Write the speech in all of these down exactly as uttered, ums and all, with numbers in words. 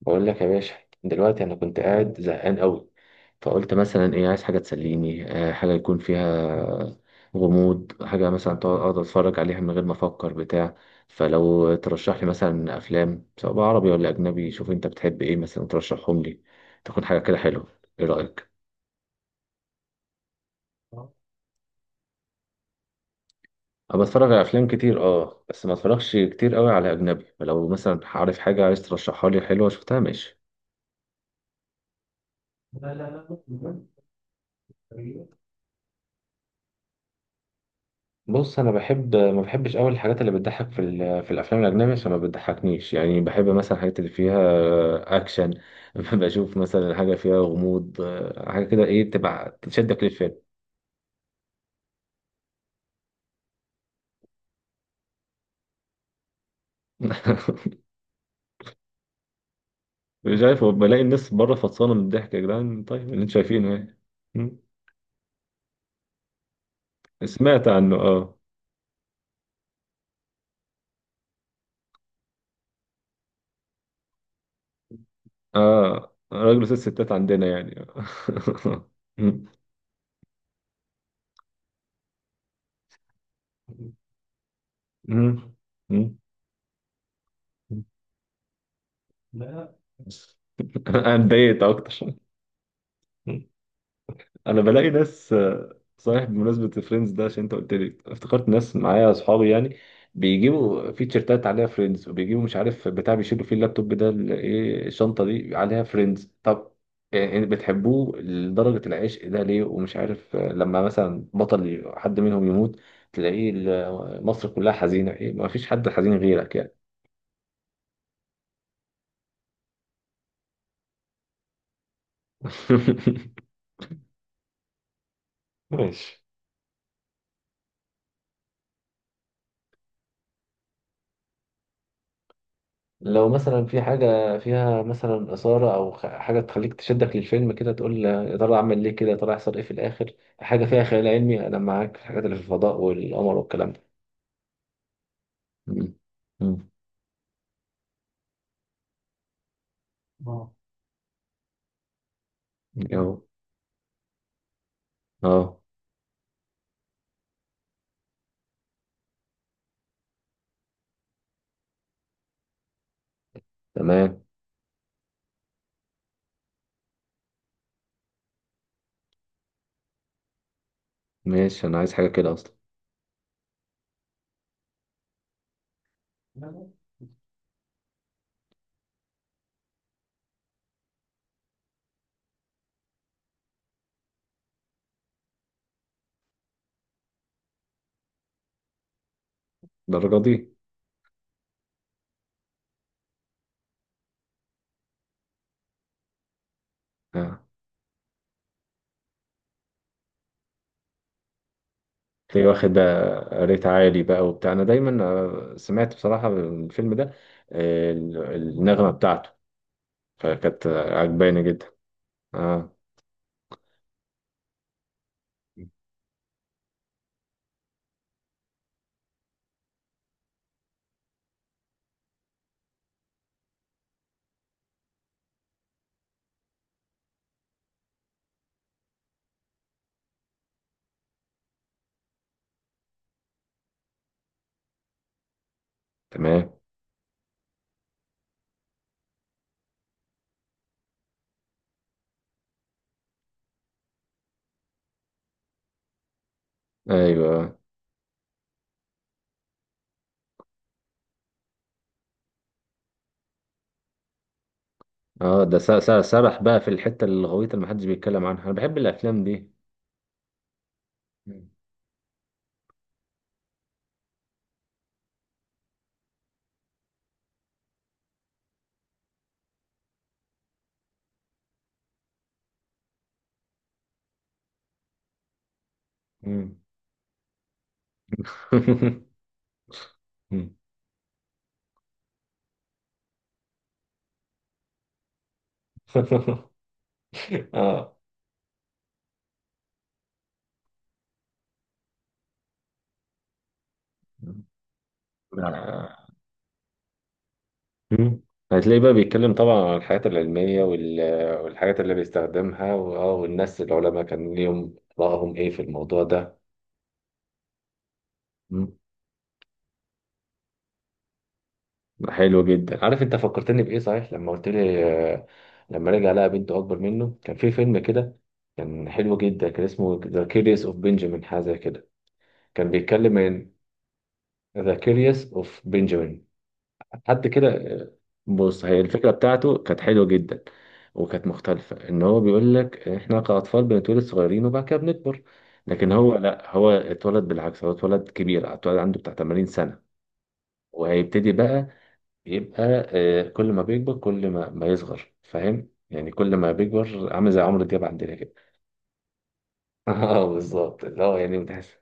بقول لك يا باشا. دلوقتي انا كنت قاعد زهقان قوي، فقلت مثلا ايه، عايز حاجه تسليني، آه، حاجه يكون فيها غموض. حاجه مثلا تقعد اقعد اتفرج عليها من غير ما افكر بتاع. فلو ترشح لي مثلا افلام، سواء بقى عربي ولا اجنبي، شوف انت بتحب ايه مثلا ترشحهم لي. تكون حاجه كده حلوه. ايه رايك؟ آه. انا بتفرج على افلام كتير، اه، بس ما اتفرجش كتير قوي على اجنبي. فلو مثلا عارف حاجه عايز ترشحها لي حلوه شفتها، ماشي. لا لا لا بص، انا بحب، ما بحبش قوي الحاجات اللي بتضحك في ال- في الافلام الاجنبيه، عشان ما بتضحكنيش يعني. بحب مثلا الحاجات اللي فيها اكشن. بشوف مثلا حاجه فيها غموض، حاجه كده ايه، تبقى تشدك للفيلم. مش عارف، بلاقي الناس بره فطسانه من الضحك يا جدعان، طيب اللي انتوا شايفينه يعني. م? سمعت عنه، اه. اه، راجل وست ستات عندنا يعني. م. م. م. لا. انا اتضايقت اكتر. انا بلاقي ناس، آه، صحيح بمناسبه فريندز ده، عشان انت قلت لي افتكرت ناس معايا اصحابي يعني، بيجيبوا في تيشيرتات عليها فريندز، وبيجيبوا مش عارف بتاع بيشيلوا فيه اللابتوب ده، ال- ايه الشنطه دي عليها فريندز. طب آه، يعني بتحبوه لدرجه العشق ده ليه؟ ومش عارف آه، لما مثلا بطل ي- حد منهم يموت، تلاقيه ال- آه، مصر كلها حزينه، ايه ما فيش حد حزين غيرك يعني. ماشي. لو مثلا في حاجة فيها مثلا إثارة أو خ- حاجة تخليك تشدك للفيلم كده، تقول يا ترى أعمل ليه كده، يا ترى هيحصل إيه في الآخر. حاجة فيها خيال علمي، أنا معاك في الحاجات اللي في الفضاء والقمر والكلام ده. مم. مم. اه. يو. اه. تمام. ماشي، أنا عايز حاجة كده أصلا. الدرجة دي؟ آه. تلاقيه واخد آه، ريت عالي بقى وبتاع. أنا دايما آه، سمعت بصراحة الفيلم ده، آه، ال- النغمة بتاعته فكانت آه، عجباني جدا. اه، تمام. ايوه. اه، ده س- س- سبح بقى في الحته الغويطه اللي محدش بيتكلم عنها، انا بحب الافلام دي. مم. مم. اه. آه. مم. هتلاقيه بقى بيتكلم طبعا عن الحاجات العلميه وال- والحاجات اللي بيستخدمها، واه، والناس العلماء كان ليهم رأيهم ايه في الموضوع ده. مم. حلو جدا. عارف انت فكرتني بايه صحيح لما قلت لي؟ آه، لما رجع لقى بنته اكبر منه، كان في فيلم كده كان حلو جدا، كان اسمه ذا كيريس اوف بنجامين، حاجه زي كده. كان بيتكلم عن ذا كيريوس اوف بنجامين، حد كده. آه، بص، هي الفكرة بتاعته كانت حلوة جدا وكانت مختلفة. ان هو بيقول لك احنا كأطفال بنتولد صغيرين وبعد كده بنكبر، لكن هو لا، هو اتولد بالعكس، هو اتولد كبير، اتولد عنده بتاع ثمانين سنة، وهيبتدي بقى يبقى آه، كل ما بيكبر كل ما ما يصغر. فاهم يعني؟ كل ما بيكبر عامل زي عمرو دياب عندنا كده. اه بالظبط. لا يعني بتحس.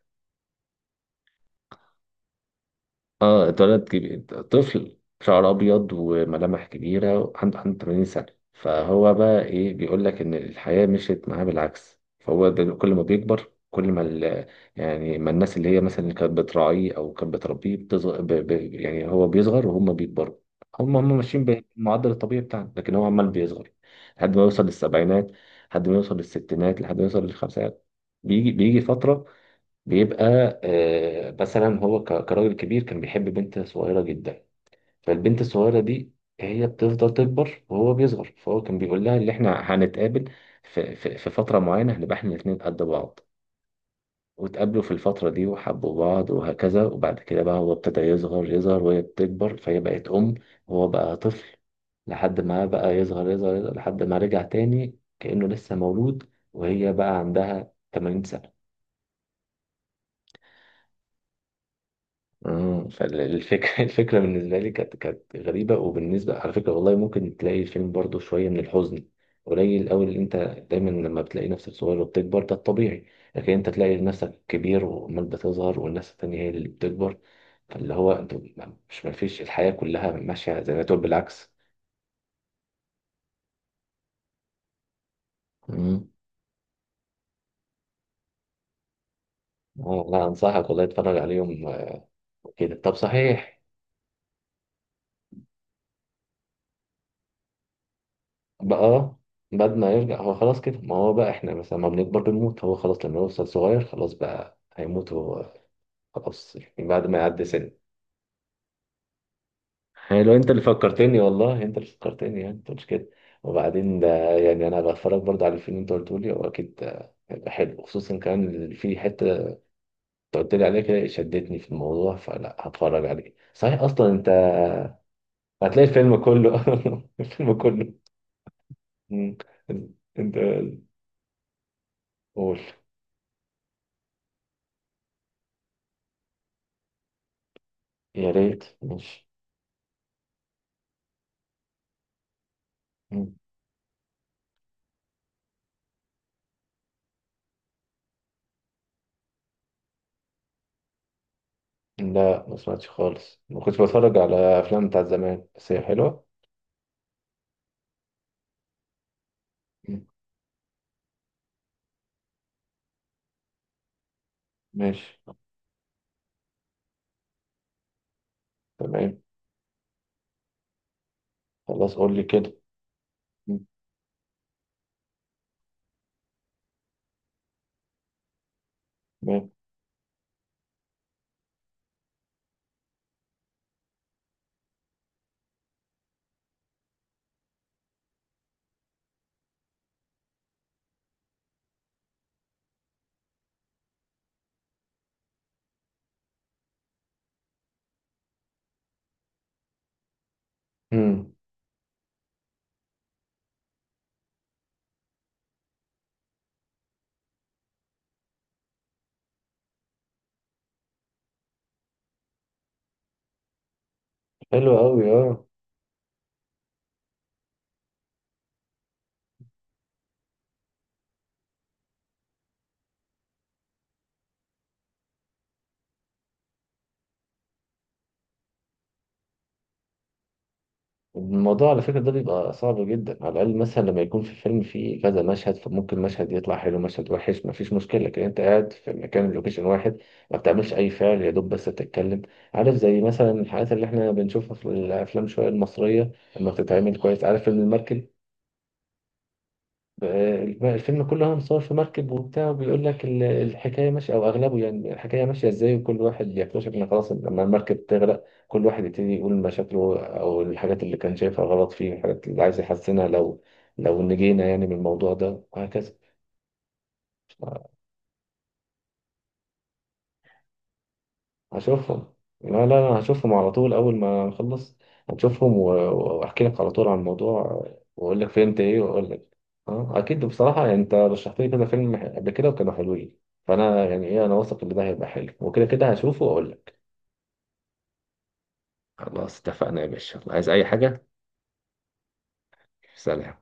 اه اتولد كبير، طفل شعر ابيض وملامح كبيره، عنده إحدى وثمانين سنه. فهو بقى ايه، بيقول لك ان الحياه مشيت معاه بالعكس. فهو دل- كل ما بيكبر كل ما ال- يعني ما الناس اللي هي مثلا اللي كانت بتراعيه او كانت بتربيه بتصغر، ب... ب... يعني هو بيصغر وهم بيكبروا. هم هم ماشيين بالمعدل الطبيعي بتاعنا، لكن هو عمال بيصغر، لحد ما يوصل للسبعينات، لحد ما يوصل للستينات، لحد ما يوصل للخمسينات. بيجي بيجي فتره بيبقى آه، مثلا هو ك- كراجل كبير كان بيحب بنت صغيرة جدا. فالبنت الصغيرة دي هي بتفضل تكبر وهو بيصغر، فهو كان بيقول لها اللي احنا هنتقابل في, في, في فترة معينة هنبقى احنا الاتنين قد بعض. واتقابلوا في الفترة دي وحبوا بعض وهكذا، وبعد كده بقى هو ابتدى يصغر يصغر وهي بتكبر، فهي بقت أم وهو بقى طفل، لحد ما بقى يصغر يصغر, يصغر لحد ما رجع تاني كأنه لسه مولود، وهي بقى عندها ثمانين سنة. مم. فالفكرة الفكرة بالنسبة لي كانت كانت غريبة. وبالنسبة على فكرة والله، ممكن تلاقي الفيلم برضو شوية من الحزن، قليل أوي. اللي أنت دايما لما بتلاقي نفسك صغير وبتكبر ده الطبيعي، لكن أنت تلاقي نفسك كبير وعمال بتظهر والناس التانية هي اللي بتكبر، فاللي هو أنت مش، مفيش، الحياة كلها ماشية زي ما تقول بالعكس. مم. آه، لا أنصحك والله، اتفرج عليهم آه، كده. طب صحيح بقى، بعد ما يرجع هو خلاص كده، ما هو بقى احنا مثلا ما بنكبر بنموت. هو خلاص لما يوصل صغير خلاص بقى هيموت هو، خلاص، يعني بعد ما يعدي سن. يعني لو انت اللي فكرتني، والله انت اللي فكرتني، يعني انت مش كده، وبعدين ده يعني انا بتفرج برضه على الفيلم اللي انت قلته لي، هو اكيد آه، هيبقى حلو، خصوصا كمان اللي في حته انت قلت لي عليها كده شدتني في الموضوع، فلا هتفرج عليه صحيح اصلا انت. هتلاقي الفيلم كله، الفيلم كله. مم. انت قول، يا ريت، ماشي. لا ما سمعتش خالص، ما كنتش بتفرج على افلام بتاعت زمان، بس هي حلوه. مم. ماشي. تمام، خلاص قول لي كده. مم. تمام. مم. حلو قوي، اه. الموضوع على فكره ده بيبقى صعب جدا. على الاقل مثلا لما يكون في الفيلم فيه كذا مشهد، فممكن مشهد يطلع حلو، مشهد وحش، ما فيش مشكله، لكن انت قاعد في مكان لوكيشن واحد، ما بتعملش اي فعل يا دوب بس بتتكلم. عارف زي مثلا الحاجات اللي احنا بنشوفها في الافلام شويه المصريه لما بتتعمل كويس. عارف فيلم المركب؟ الفيلم كله مصور في مركب وبتاع، وبيقول لك ال- الحكايه ماشيه، او اغلبه يعني الحكايه ماشيه ازاي، وكل واحد يكتشف ان خلاص لما المركب تغرق كل واحد يبتدي يقول مشاكله، او الحاجات اللي كان شايفها غلط فيه، الحاجات اللي عايز يحسنها لو، لو نجينا يعني من الموضوع ده وهكذا. هشوفهم، لا لا لا هشوفهم على طول أول ما أخلص. هشوفهم و- و- وأحكي لك على طول عن الموضوع، وأقول لك فهمت إيه، وأقول لك. أه أكيد، بصراحة يعني أنت رشحت لي كذا فيلم ح- قبل كده وكانوا حلوين، فأنا يعني إيه، أنا واثق إن ده هيبقى حلو، وكده كده هشوفه وأقول لك. خلاص اتفقنا يا باشا. عايز أي حاجة؟ سلام.